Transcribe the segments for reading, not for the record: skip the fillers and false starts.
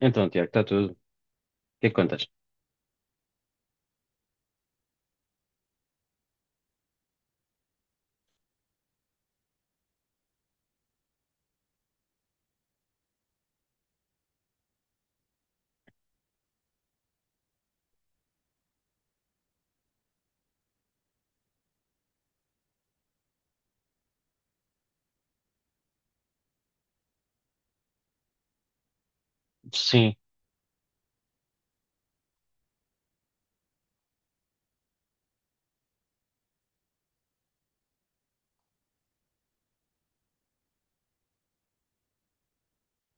Então, Tiago, está tudo. O que é que contas? Sim,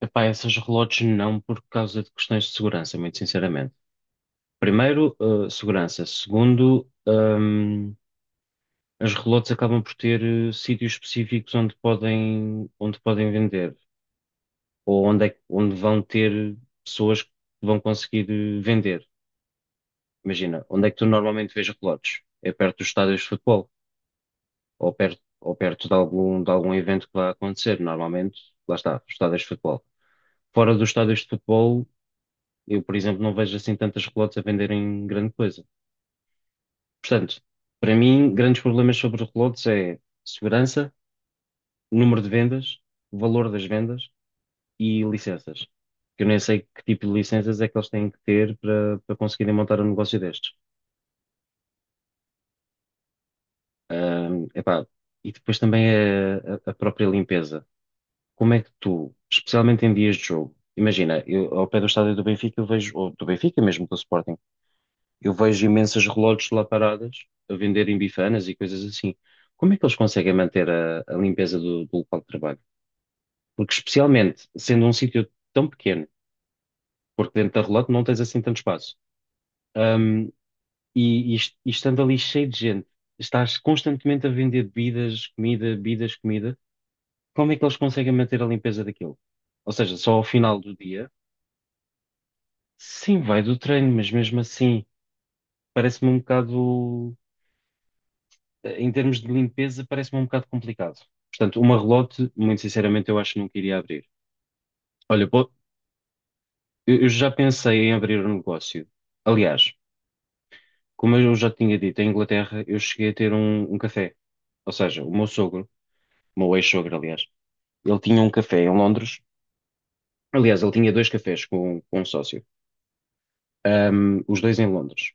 epá, essas relotes não por causa de questões de segurança, muito sinceramente. Primeiro, segurança. Segundo, as relotes acabam por ter sítios específicos onde podem vender, ou onde vão ter pessoas que vão conseguir vender. Imagina, onde é que tu normalmente vês relotes? É perto dos estádios de futebol, ou perto de algum evento que vai acontecer. Normalmente, lá está, estádios de futebol. Fora dos estádios de futebol, eu, por exemplo, não vejo assim tantas relotes a venderem grande coisa. Portanto, para mim, grandes problemas sobre relotes é segurança, número de vendas, valor das vendas e licenças. Que eu nem sei que tipo de licenças é que eles têm que ter para, para conseguirem montar um negócio destes. Epá, e depois também é a própria limpeza. Como é que tu, especialmente em dias de jogo, imagina, eu, ao pé do estádio do Benfica, eu vejo, ou do Benfica mesmo, do Sporting, eu vejo imensas relógios lá paradas a venderem bifanas e coisas assim. Como é que eles conseguem manter a limpeza do, do local de trabalho? Porque, especialmente, sendo um sítio tão pequeno, porque dentro da relógio não tens assim tanto espaço, hum, e estando ali cheio de gente, estás constantemente a vender bebidas, comida, como é que eles conseguem manter a limpeza daquilo? Ou seja, só ao final do dia, sim, vai do treino, mas mesmo assim, parece-me um bocado, em termos de limpeza, parece-me um bocado complicado. Portanto, uma relote, muito sinceramente, eu acho que nunca iria abrir. Olha, pô, eu já pensei em abrir um negócio. Aliás, como eu já tinha dito, em Inglaterra eu cheguei a ter um café. Ou seja, o meu sogro, o meu ex-sogro, aliás, ele tinha um café em Londres. Aliás, ele tinha dois cafés com um sócio, os dois em Londres.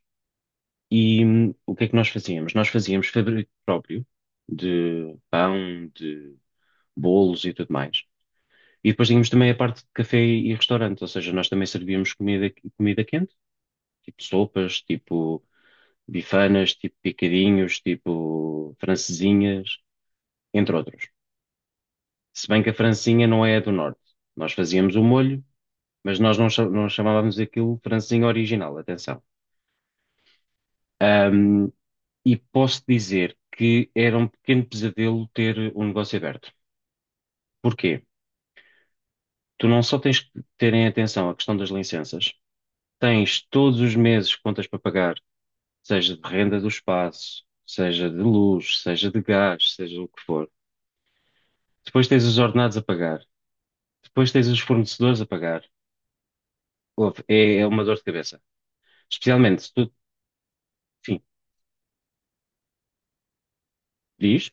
E o que é que nós fazíamos? Nós fazíamos fabrico próprio de pão, de bolos e tudo mais. E depois tínhamos também a parte de café e restaurante, ou seja, nós também servíamos comida, comida quente, tipo sopas, tipo bifanas, tipo picadinhos, tipo francesinhas, entre outros. Se bem que a francesinha não é a do norte. Nós fazíamos o molho, mas nós não, não chamávamos aquilo francesinha original, atenção. Ahm, e posso dizer que era um pequeno pesadelo ter um negócio aberto. Porquê? Tu não só tens que ter em atenção a questão das licenças, tens todos os meses contas para pagar, seja de renda do espaço, seja de luz, seja de gás, seja o que for. Depois tens os ordenados a pagar, depois tens os fornecedores a pagar. Ouve, é uma dor de cabeça. Especialmente se tu, enfim, diz.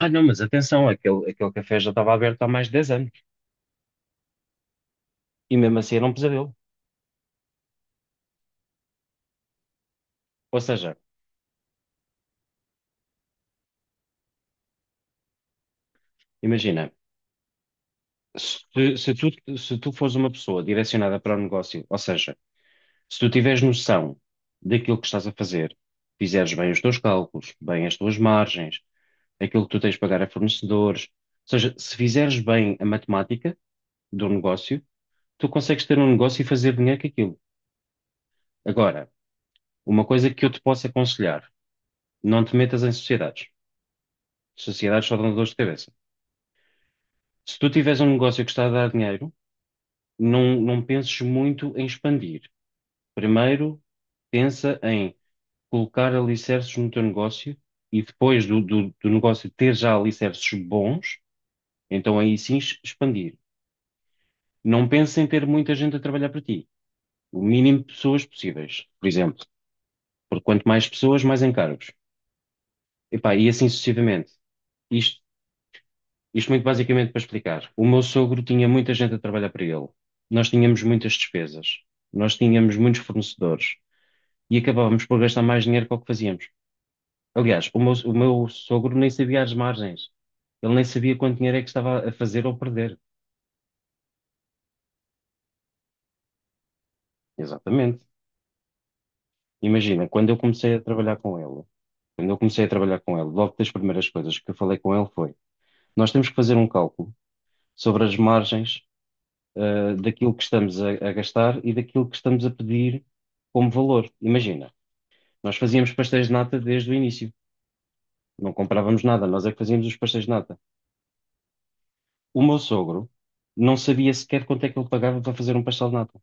Ah, não, mas atenção, aquele café já estava aberto há mais de 10 anos e mesmo assim era um pesadelo. Ou seja, imagina, se tu fores uma pessoa direcionada para o negócio, ou seja, se tu tiveres noção daquilo que estás a fazer, fizeres bem os teus cálculos, bem as tuas margens, aquilo que tu tens de pagar a fornecedores. Ou seja, se fizeres bem a matemática do negócio, tu consegues ter um negócio e fazer dinheiro com aquilo. Agora, uma coisa que eu te posso aconselhar, não te metas em sociedades. Sociedades só dão dores de cabeça. Se tu tiveres um negócio que está a dar dinheiro, não, não penses muito em expandir. Primeiro, pensa em colocar alicerces no teu negócio e depois do negócio ter já alicerces bons, então aí sim expandir. Não penses em ter muita gente a trabalhar para ti. O mínimo de pessoas possíveis, por exemplo. Porque quanto mais pessoas, mais encargos. Epá, e assim sucessivamente. Isto, isto muito basicamente para explicar. O meu sogro tinha muita gente a trabalhar para ele. Nós tínhamos muitas despesas. Nós tínhamos muitos fornecedores. E acabávamos por gastar mais dinheiro que o que fazíamos. Aliás, o meu sogro nem sabia as margens. Ele nem sabia quanto dinheiro é que estava a fazer ou perder. Exatamente. Imagina, quando eu comecei a trabalhar com ele, quando eu comecei a trabalhar com ele, logo das primeiras coisas que eu falei com ele foi: nós temos que fazer um cálculo sobre as margens, ah, daquilo que estamos a gastar e daquilo que estamos a pedir como valor. Imagina, nós fazíamos pastéis de nata desde o início, não comprávamos nada, nós é que fazíamos os pastéis de nata. O meu sogro não sabia sequer quanto é que ele pagava para fazer um pastel de nata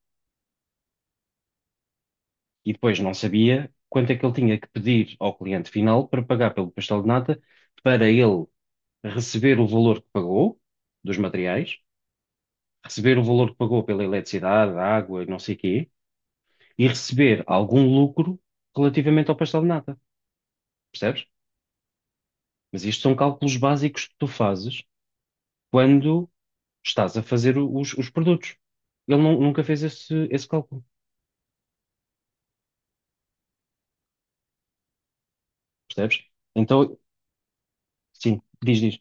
e depois não sabia quanto é que ele tinha que pedir ao cliente final para pagar pelo pastel de nata para ele receber o valor que pagou dos materiais, receber o valor que pagou pela eletricidade, água e não sei quê, e receber algum lucro relativamente ao pastel de nata, percebes? Mas isto são cálculos básicos que tu fazes quando estás a fazer os produtos. Ele nunca fez esse cálculo, percebes? Então, sim, diz, diz.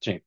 Sim,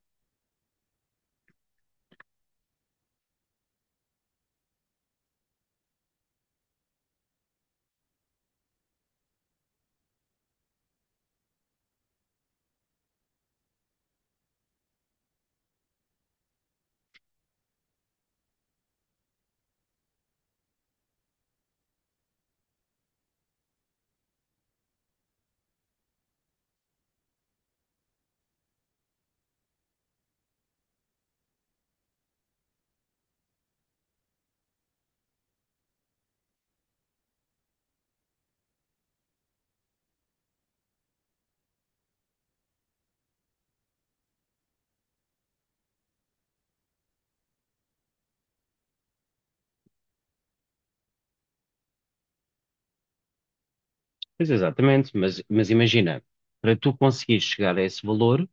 pois exatamente, mas imagina, para tu conseguires chegar a esse valor,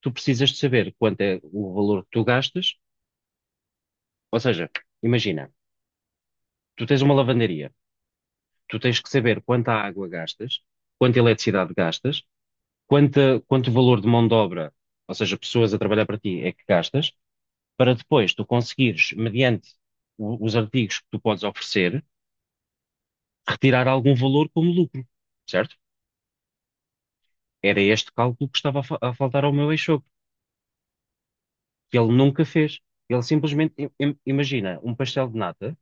tu precisas de saber quanto é o valor que tu gastas, ou seja, imagina, tu tens uma lavandaria, tu tens que saber quanta água gastas, quanta eletricidade gastas, quanto valor de mão de obra, ou seja, pessoas a trabalhar para ti, é que gastas, para depois tu conseguires, mediante os artigos que tu podes oferecer, retirar algum valor como lucro, certo? Era este cálculo que estava a faltar ao meu ex-sogro, que ele nunca fez. Ele simplesmente, imagina, um pastel de nata,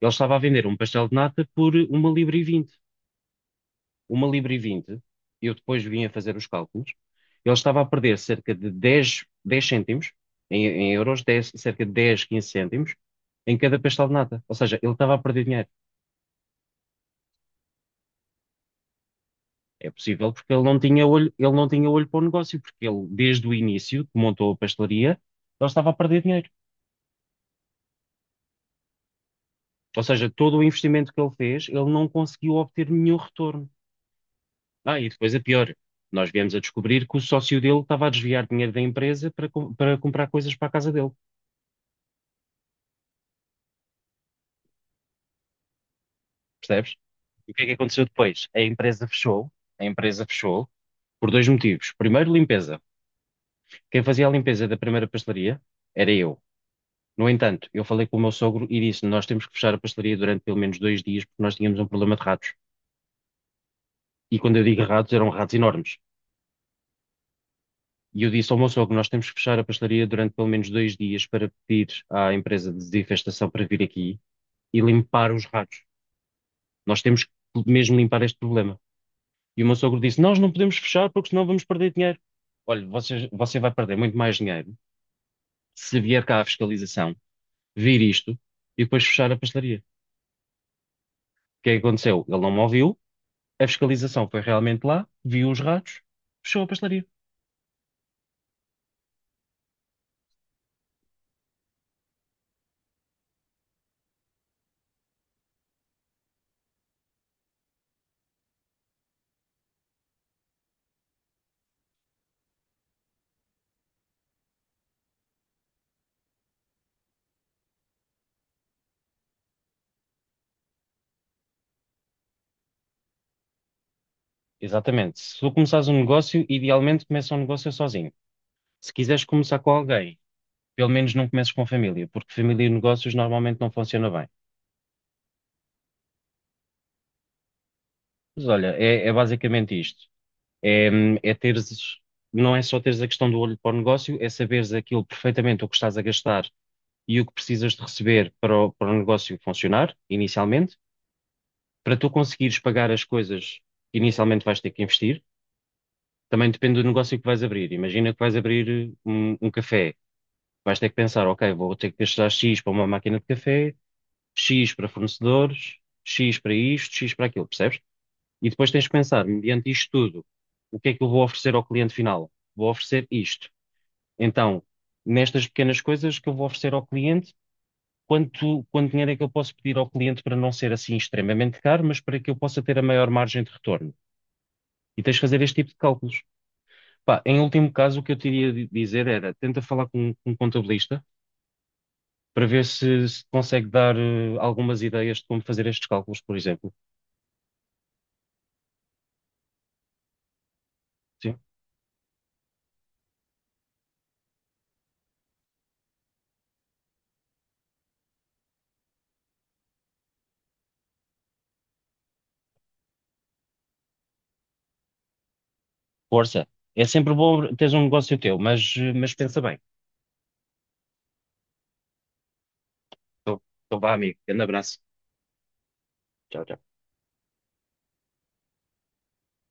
ele estava a vender um pastel de nata por £1,20. £1,20, eu depois vim a fazer os cálculos, ele estava a perder cerca de 10 10 cêntimos, em euros, 10, cerca de 10 15 cêntimos, em cada pastel de nata. Ou seja, ele estava a perder dinheiro. É possível porque ele não tinha olho, ele não tinha olho para o negócio, porque ele, desde o início, que montou a pastelaria, ele estava a perder dinheiro. Ou seja, todo o investimento que ele fez, ele não conseguiu obter nenhum retorno. Ah, e depois é pior. Nós viemos a descobrir que o sócio dele estava a desviar dinheiro da empresa para, para comprar coisas para a casa dele. Percebes? E o que é que aconteceu depois? A empresa fechou por dois motivos. Primeiro, limpeza. Quem fazia a limpeza da primeira pastelaria era eu. No entanto, eu falei com o meu sogro e disse: "Nós temos que fechar a pastelaria durante pelo menos 2 dias porque nós tínhamos um problema de ratos." E quando eu digo ratos, eram ratos enormes. E eu disse ao meu sogro: "Nós temos que fechar a pastelaria durante pelo menos dois dias para pedir à empresa de desinfestação para vir aqui e limpar os ratos. Nós temos que mesmo limpar este problema." E o meu sogro disse: "Nós não podemos fechar porque senão vamos perder dinheiro." Olha, você, você vai perder muito mais dinheiro se vier cá a fiscalização, vir isto e depois fechar a pastelaria. O que é que aconteceu? Ele não me ouviu, a fiscalização foi realmente lá, viu os ratos, fechou a pastelaria. Exatamente. Se tu começares um negócio, idealmente começa um negócio sozinho. Se quiseres começar com alguém, pelo menos não comeces com família, porque família e negócios normalmente não funciona bem. Mas olha, é basicamente isto. É, é teres, não é só teres a questão do olho para o negócio, é saberes aquilo perfeitamente o que estás a gastar e o que precisas de receber para o negócio funcionar, inicialmente, para tu conseguires pagar as coisas que inicialmente vais ter que investir. Também depende do negócio que vais abrir. Imagina que vais abrir um café. Vais ter que pensar, ok, vou ter que gastar X para uma máquina de café, X para fornecedores, X para isto, X para aquilo, percebes? E depois tens que pensar, mediante isto tudo, o que é que eu vou oferecer ao cliente final? Vou oferecer isto. Então, nestas pequenas coisas que eu vou oferecer ao cliente, quanto, quanto dinheiro é que eu posso pedir ao cliente para não ser assim extremamente caro, mas para que eu possa ter a maior margem de retorno? E tens de fazer este tipo de cálculos. Pá, em último caso, o que eu te iria dizer era, tenta falar com um contabilista para ver se, se consegue dar algumas ideias de como fazer estes cálculos, por exemplo. Sim. Força. É sempre bom teres um negócio teu, mas, mas pensa bem. Então, então vá, amigo. Grande abraço. Tchau, tchau.